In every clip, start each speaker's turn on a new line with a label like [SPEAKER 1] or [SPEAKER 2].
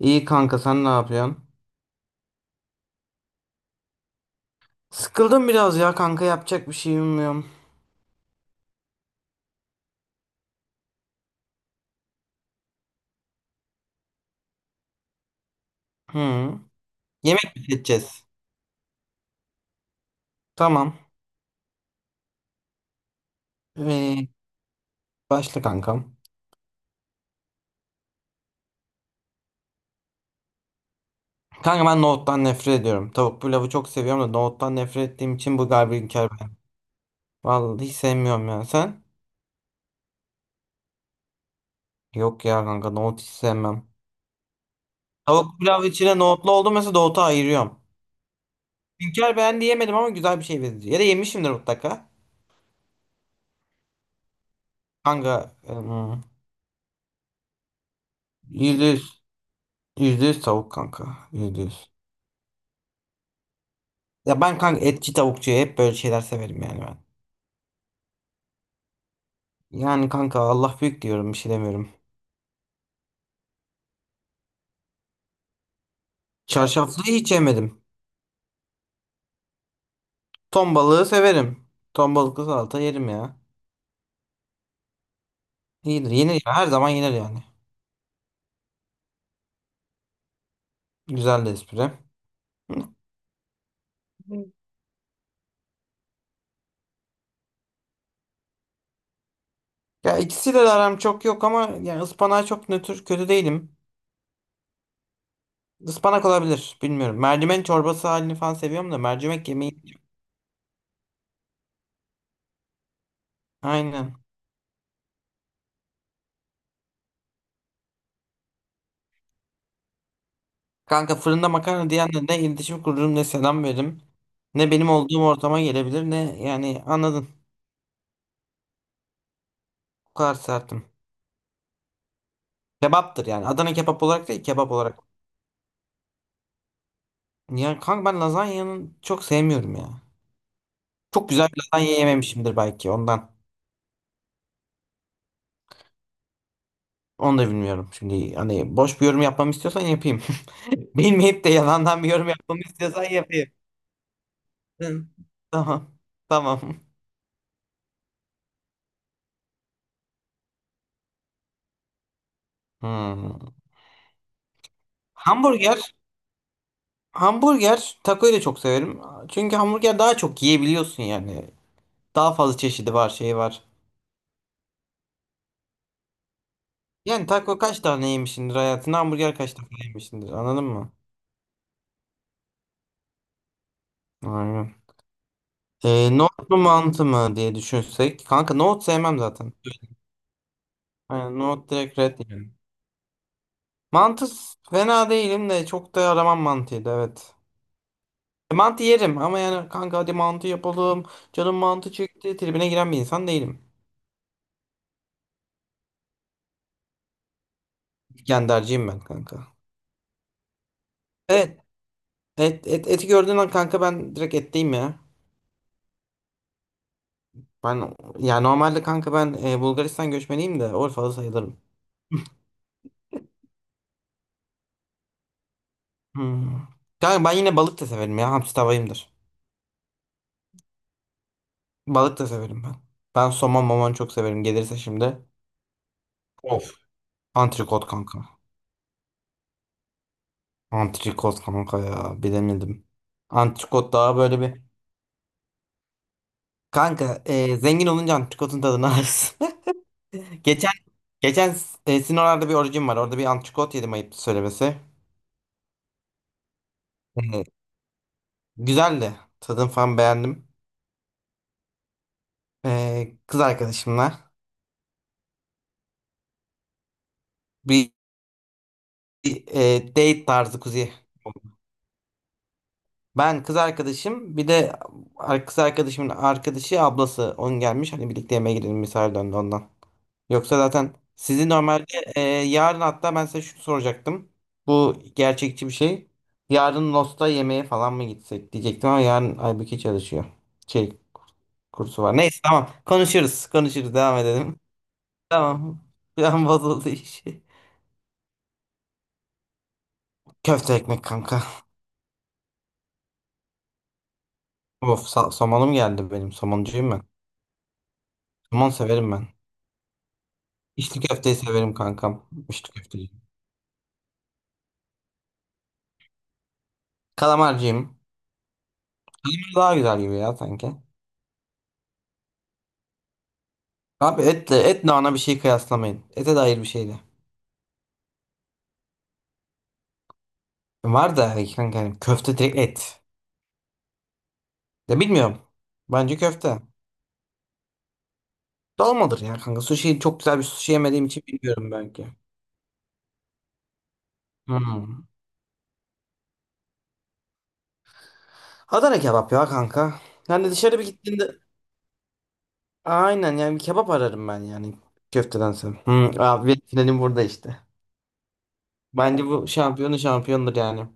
[SPEAKER 1] İyi kanka sen ne yapıyorsun? Sıkıldım biraz ya kanka yapacak bir şey bilmiyorum. Hı. Yemek mi seçeceğiz? Tamam. Ee, Başla kankam. Kanka ben nohuttan nefret ediyorum. Tavuk pilavı çok seviyorum da nohuttan nefret ettiğim için bu galiba inkar ben. Vallahi hiç sevmiyorum ya. Sen? Yok ya kanka nohut hiç sevmem. Tavuk pilav içine nohutlu oldu mesela nohutu ayırıyorum. Hünkar ben diyemedim ama güzel bir şey benziyor. Ya da yemişimdir mutlaka. Kanka yüzde yüz. Yüzde yüz tavuk kanka. Yüzde yüz. Ya ben kanka etçi tavukçu hep böyle şeyler severim yani ben. Yani kanka Allah büyük diyorum bir şey demiyorum. Çarşaflıyı hiç yemedim. Ton balığı severim. Ton balıklı salata yerim ya. İyidir yenir ya her zaman yenir yani. Güzel de espri. Hı. Ya ikisiyle de aram çok yok ama yani ıspanağa çok nötr kötü değilim. Ispanak olabilir bilmiyorum. Mercimek çorbası halini falan seviyorum da mercimek yemeği. Aynen. Kanka fırında makarna diyenle ne iletişim kururum ne selam veririm. Ne benim olduğum ortama gelebilir ne yani anladın. Bu kadar sertim. Kebaptır yani. Adana kebap olarak değil, kebap olarak. Yani kanka ben lazanyanın çok sevmiyorum ya. Çok güzel bir lazanya yememişimdir belki ondan. Onu da bilmiyorum. Şimdi hani boş bir yorum yapmamı istiyorsan yapayım. Bilmeyip de yalandan bir yorum yapmamı istiyorsan yapayım. Hı, tamam. Tamam. Hmm. Hamburger. Hamburger takoyu da çok severim. Çünkü hamburger daha çok yiyebiliyorsun yani. Daha fazla çeşidi var, şey var. Yani taco kaç tane yemişsindir hayatında? Hamburger kaç tane yemişsindir? Anladın mı? Aynen. Note mu mantı mı diye düşünsek. Kanka Note sevmem zaten. Aynen Note direkt red yani. Mantı fena değilim de çok da aramam mantıyı da evet. Mantı yerim ama yani kanka hadi mantı yapalım. Canım mantı çekti. Tribine giren bir insan değilim. İskenderciyim ben kanka. Evet. Eti gördüğün an kanka ben direkt etteyim ya. Ben ya normalde kanka ben Bulgaristan göçmeniyim de Urfalı sayılırım. Hmm. Kanka ben yine balık da severim ya. Hamsi tavayımdır. Balık da severim ben. Ben somon mamon çok severim. Gelirse şimdi. Of. Antrikot kanka. Antrikot kanka ya. Bilemedim. Antrikot daha böyle bir. Kanka zengin olunca antrikotun tadını alırsın. Geçen geçen Sinop'larda bir orucum var. Orada bir antrikot yedim ayıp söylemesi. E, Güzeldi. Tadını falan beğendim. Kız arkadaşımla bir, bir date tarzı kuzi. Ben kız arkadaşım bir de kız arkadaşımın arkadaşı ablası onun gelmiş hani birlikte yemeğe gidelim misafir döndü ondan. Yoksa zaten sizi normalde yarın hatta ben size şunu soracaktım. Bu gerçekçi bir şey. Yarın Lost'a yemeğe falan mı gitsek diyecektim ama yarın Aybüke çalışıyor. Şey kursu var. Neyse tamam konuşuruz konuşuruz devam edelim. Tamam. Bir an bozuldu iş. Köfte ekmek kanka. Of, somonum geldi benim somoncuyum ben. Somon severim ben. İçli köfteyi severim kankam. İçli köfteyi. Kalamarcıyım. Daha güzel gibi ya sanki. Abi etle, et nana bir şey kıyaslamayın. Ete dair bir şeydi. Var da hani kanka hani köfte direkt et. Ya bilmiyorum. Bence köfte. Dolmadır ya kanka. Sushi çok güzel bir sushi yemediğim için bilmiyorum belki. Hmm. Adana kebap ya kanka. Yani dışarı bir gittiğinde aynen yani bir kebap ararım ben yani köftedense. Abi finalim burada işte. Bence bu şampiyonu şampiyondur yani.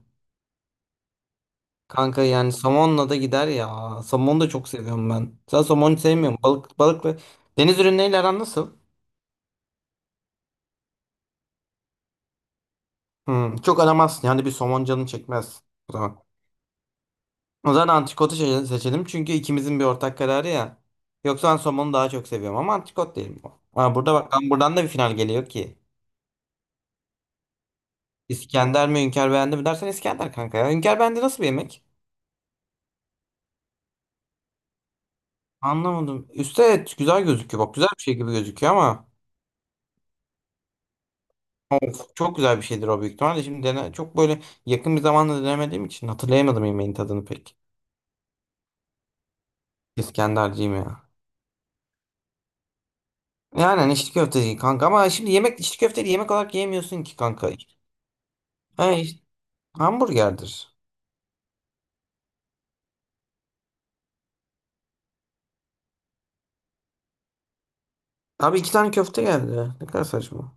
[SPEAKER 1] Kanka yani somonla da gider ya. Somonu da çok seviyorum ben. Sen somonu sevmiyorum. Balık balık ve deniz ürünleriyle aran nasıl? Çok aramazsın. Yani bir somon canın çekmez. O zaman. O zaman antikotu seçelim. Çünkü ikimizin bir ortak kararı ya. Yoksa ben somonu daha çok seviyorum ama antikot değil bu. Ha, burada bak lan buradan da bir final geliyor ki. İskender mi Hünkar beğendi mi dersen İskender kanka ya. Hünkar beğendi nasıl bir yemek? Anlamadım. Üste evet, güzel gözüküyor. Bak güzel bir şey gibi gözüküyor ama. Of, çok güzel bir şeydir o büyük ihtimalle. Şimdi dene, çok böyle yakın bir zamanda denemediğim için hatırlayamadım yemeğin tadını pek. İskenderciyim ya. Yani hani içli köfteci kanka ama şimdi yemek içli köfteyi yemek olarak yemiyorsun ki kanka. Ha, işte, hamburgerdir. Abi iki tane köfte geldi. Ne kadar saçma.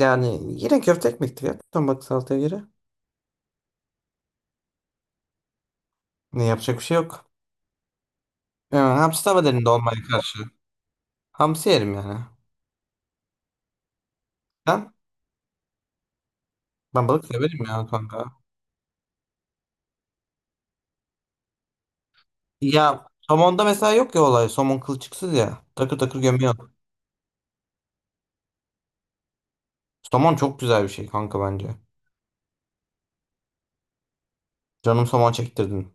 [SPEAKER 1] Yani yine köfte ekmektir ya. Tam bak salataya göre. Ne yapacak bir şey yok. Yani, hamsi tava derinde olmaya karşı. Hamsi yerim yani. Ben, ben balık severim ya kanka. Ya somonda mesela yok ya olay. Somon kılçıksız ya. Takır takır gömüyor. Saman çok güzel bir şey kanka bence. Canım saman çektirdin.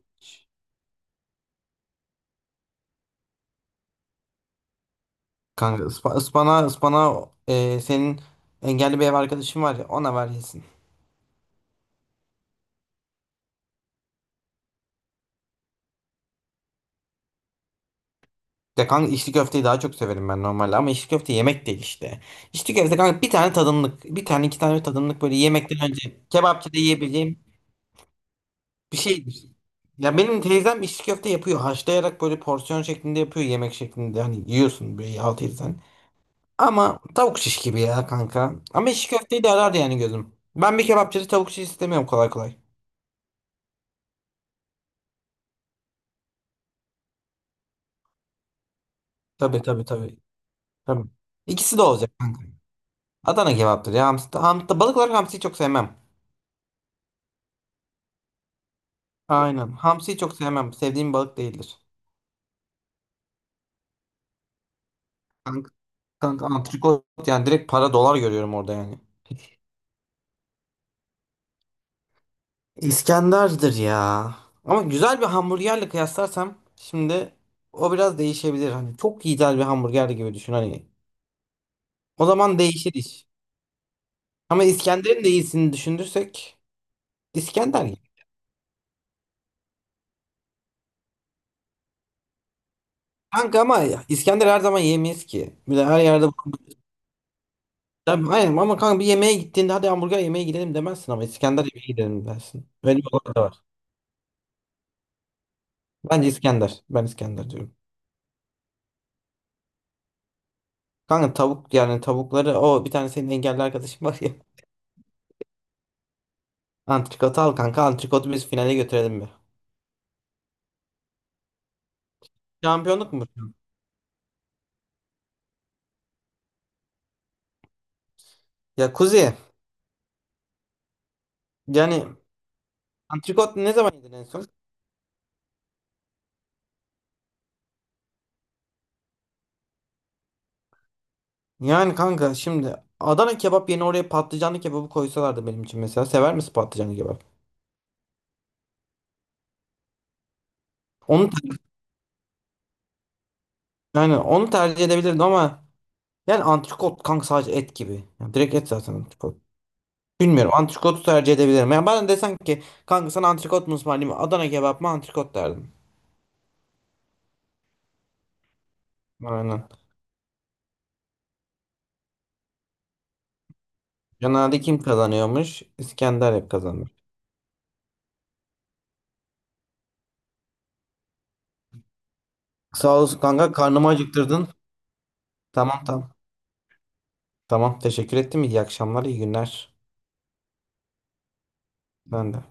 [SPEAKER 1] Kanka ıspa, ıspana ıspana e, senin engelli bir ev arkadaşın var ya ona ver yesin. Ya kanka içli köfteyi daha çok severim ben normalde ama içli köfte yemek değil işte. İçli köfte kanka bir tane tadımlık bir tane iki tane tadımlık böyle yemekten önce kebapçıda yiyebileceğim bir şeydir. Ya benim teyzem içli köfte yapıyor haşlayarak böyle porsiyon şeklinde yapıyor yemek şeklinde hani yiyorsun böyle altı 7. Ama tavuk şiş gibi ya kanka. Ama şiş köfteyi de arar yani gözüm. Ben bir kebapçıda tavuk şiş istemiyorum kolay kolay. Tabii tabii tabii. Tabii. İkisi de olacak kanka. Adana kebaptır ya. Hamsi, balık olarak hamsiyi çok sevmem. Aynen. Hamsiyi çok sevmem. Sevdiğim balık değildir. Kanka, kanka, antrikot yani direkt para dolar görüyorum orada yani. İskender'dir ya. Ama güzel bir hamburgerle kıyaslarsam şimdi o biraz değişebilir. Hani çok güzel bir hamburger gibi düşün hani. O zaman değişir iş. Ama İskender'in de iyisini düşünürsek İskender ya. Kanka ama İskender her zaman yemeyiz ki. Bir de her yerde. Tabii, aynen ama kanka bir yemeğe gittiğinde hadi hamburger yemeye gidelim demezsin ama İskender yemeğe gidelim dersin. Öyle bir olay da var. Bence İskender. Ben İskender diyorum. Kanka tavuk yani tavukları o bir tane senin engelli arkadaşın var ya. Antrikotu al kanka antrikotu biz finale götürelim bir. Şampiyonluk mu bu? Ya Kuzi yani antrikot ne zaman yedin en son? Yani kanka şimdi Adana kebap yerine oraya patlıcanlı kebabı koysalardı benim için mesela. Sever misin patlıcanlı kebap? Onu yani onu tercih edebilirdim ama yani antrikot kanka sadece et gibi. Yani direkt et zaten antrikot. Bilmiyorum antrikotu tercih edebilirim. Yani bana desen ki kanka sana antrikot mu ısmarlayayım mı? Adana kebap mı antrikot derdim. Aynen. Genelde kim kazanıyormuş? İskender hep kazanmış. Sağ olasın kanka karnımı acıktırdın. Tamam tamam. Tamam teşekkür ettim. İyi akşamlar iyi günler. Ben de.